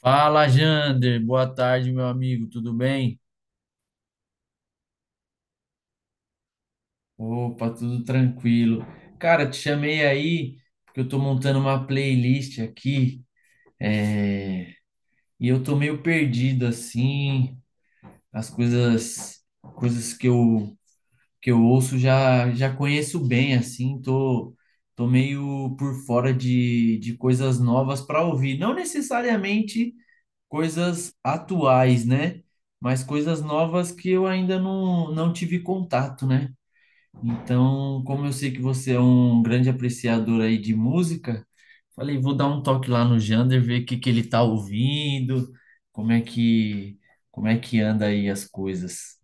Fala, Jander. Boa tarde, meu amigo. Tudo bem? Opa, tudo tranquilo. Cara, te chamei aí porque eu tô montando uma playlist aqui e eu tô meio perdido assim. As coisas, coisas que eu ouço já já conheço bem assim. Tô meio por fora de coisas novas para ouvir. Não necessariamente coisas atuais, né? Mas coisas novas que eu ainda não tive contato, né? Então, como eu sei que você é um grande apreciador aí de música, falei, vou dar um toque lá no Jander, ver o que que ele tá ouvindo, como é que como é que anda aí as coisas.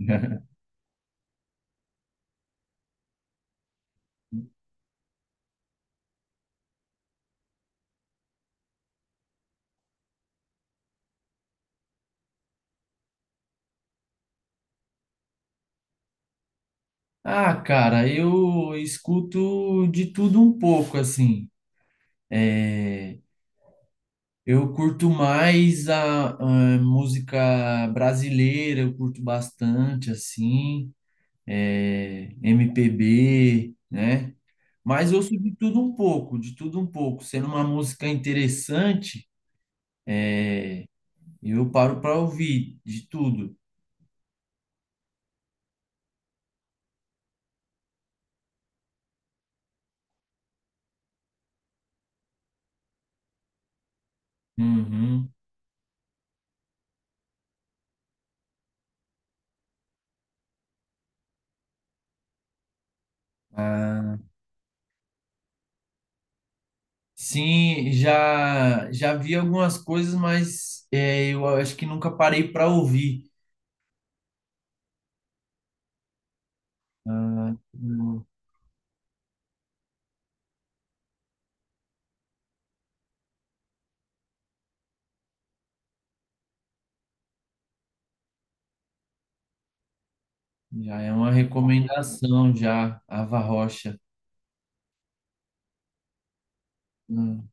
Ah, cara, eu escuto de tudo um pouco, assim. É, eu curto mais a música brasileira, eu curto bastante, assim, é, MPB, né? Mas eu ouço de tudo um pouco, de tudo um pouco. Sendo uma música interessante, eu paro para ouvir de tudo. Uhum. Ah, sim, já já vi algumas coisas, mas é, eu acho que nunca parei para ouvir. Ah, já é uma recomendação já, Ava Rocha. Hum,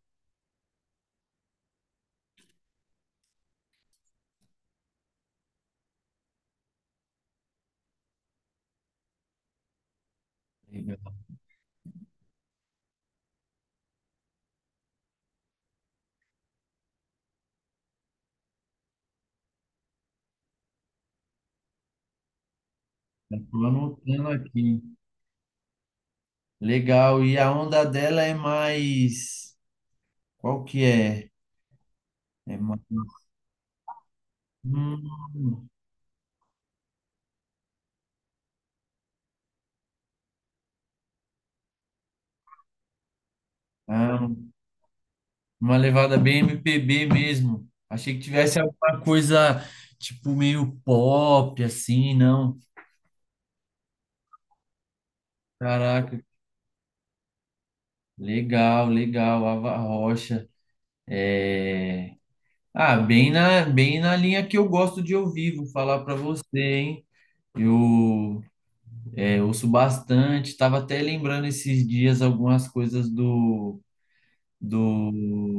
legal. Estou anotando aqui. Legal. E a onda dela é mais. Qual que é? É mais. Hum, ah, uma levada bem MPB mesmo. Achei que tivesse alguma coisa tipo meio pop, assim, não. Caraca, legal, legal. Ava Rocha. É... Ah, bem na linha que eu gosto de ouvir, vou falar pra você, hein? Eu é, ouço bastante, tava até lembrando esses dias algumas coisas do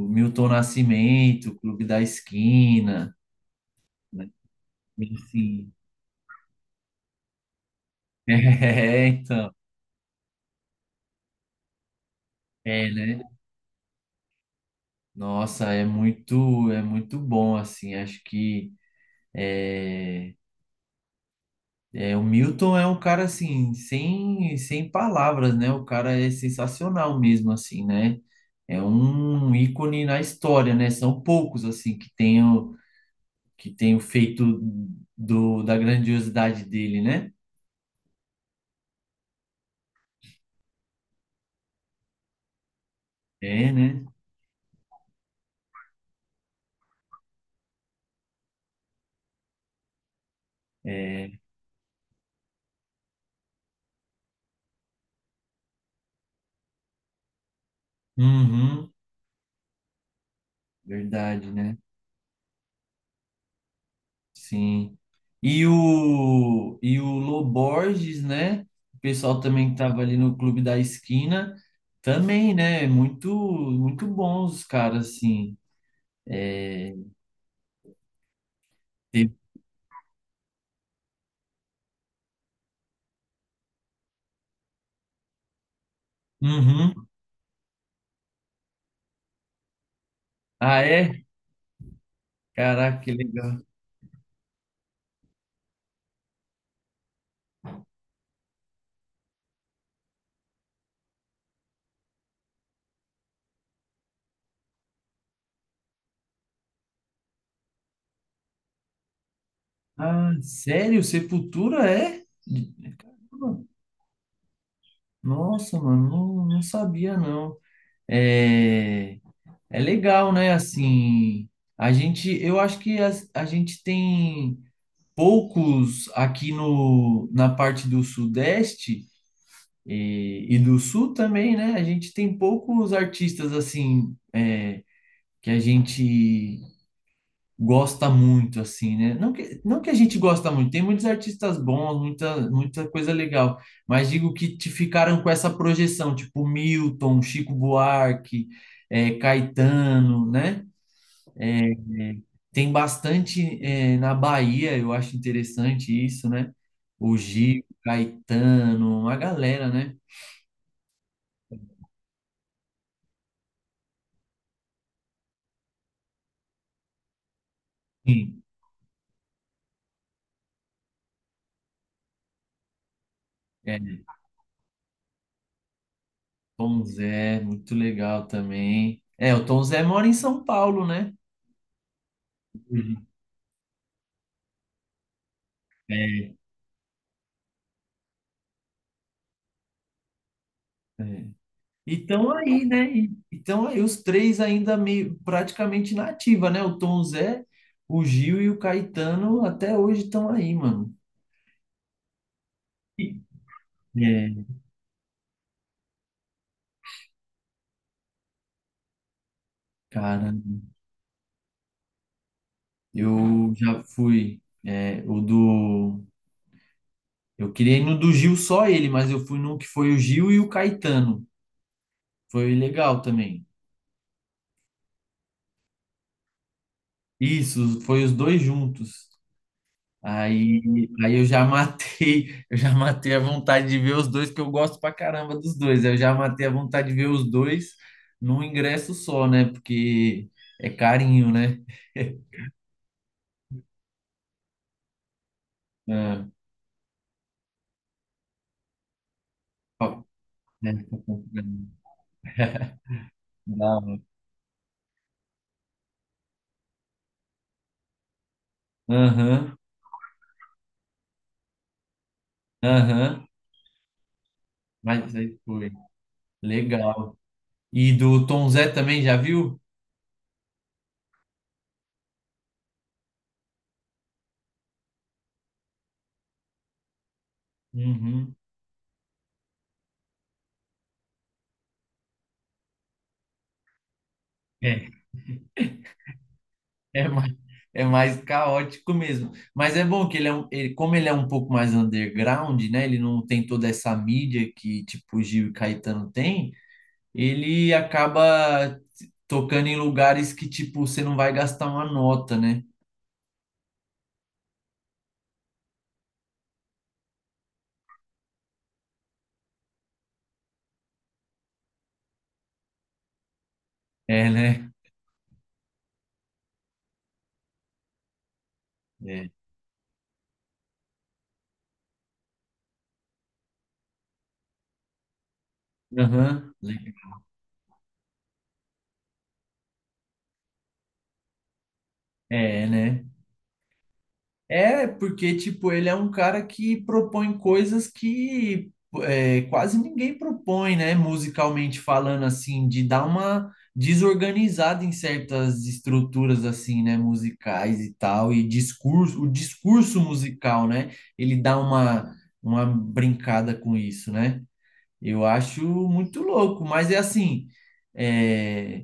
Milton Nascimento, Clube da Esquina, né? Enfim. É, então. É, né? Nossa, é muito bom, assim, acho que é, é, o Milton é um cara, assim, sem, sem palavras, né? O cara é sensacional mesmo, assim, né? É um ícone na história, né? São poucos, assim, que tenham feito do, da grandiosidade dele, né? É, né? É, uhum, verdade, né? Sim. E o Lô Borges, né? O pessoal também que tava ali no Clube da Esquina, também, né? Muito, muito bons os caras, assim. Teve- Uhum. Ah, é? Caraca, que legal. Ah, sério? Sepultura é? Caramba. Nossa, mano, não, não sabia, não. É, é legal, né? Assim, a gente, eu acho que a gente tem poucos aqui no, na parte do Sudeste e do Sul também, né? A gente tem poucos artistas assim é, que a gente gosta muito, assim, né? Não que a gente gosta muito, tem muitos artistas bons, muita, muita coisa legal, mas digo que te ficaram com essa projeção, tipo Milton, Chico Buarque, é, Caetano, né? Tem bastante eh, na Bahia, eu acho interessante isso, né? O Gil, Caetano, uma galera, né? Sim. É, Tom Zé, muito legal também. É, o Tom Zé mora em São Paulo, né? Uhum. É. Então aí, né? Então aí os três ainda meio praticamente na ativa, né? O Tom Zé, o Gil e o Caetano até hoje estão aí, mano. E- É, cara, eu já fui é, o do eu queria ir no do Gil só ele, mas eu fui num que foi o Gil e o Caetano. Foi legal também. Isso, foi os dois juntos. Aí, eu já matei, eu já matei a vontade de ver os dois, que eu gosto pra caramba dos dois. Eu já matei a vontade de ver os dois num ingresso só, né? Porque é carinho, né? Ah, ó, né? Não. Aham, aham. Mas aí foi. Legal. E do Tom Zé também, já viu? Uhum. É, é mais, é mais caótico mesmo. Mas é bom que ele é um, como ele é um pouco mais underground, né? Ele não tem toda essa mídia que tipo o Gil e Caetano tem, ele acaba tocando em lugares que tipo você não vai gastar uma nota, né? É, né? É. Aham. É, né? É, porque, tipo, ele é um cara que propõe coisas que é, quase ninguém propõe, né? Musicalmente falando, assim, de dar uma desorganizada em certas estruturas, assim, né? Musicais e tal, e discurso, o discurso musical, né? Ele dá uma brincada com isso, né? Eu acho muito louco, mas é assim, é,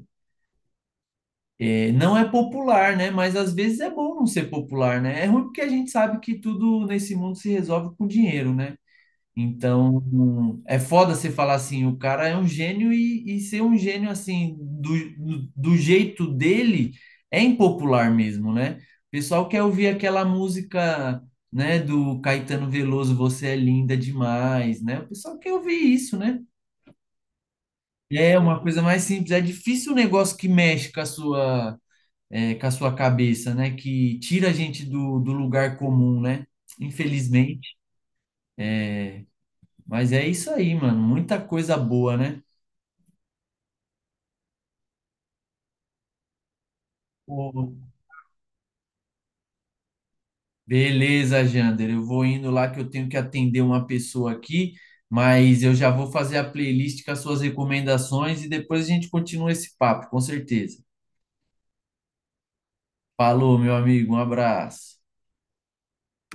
é, não é popular, né? Mas às vezes é bom não ser popular, né? É ruim porque a gente sabe que tudo nesse mundo se resolve com dinheiro, né? Então, é foda você falar assim, o cara é um gênio e ser um gênio assim, do, do jeito dele, é impopular mesmo, né? O pessoal quer ouvir aquela música, né, do Caetano Veloso, Você é linda demais, né? O pessoal quer ouvir isso, né? É uma coisa mais simples, é difícil um negócio que mexe com a sua é, com a sua cabeça, né? Que tira a gente do, do lugar comum, né? Infelizmente. Mas é isso aí, mano. Muita coisa boa, né? Pô, beleza, Jander. Eu vou indo lá que eu tenho que atender uma pessoa aqui, mas eu já vou fazer a playlist com as suas recomendações e depois a gente continua esse papo, com certeza. Falou, meu amigo. Um abraço.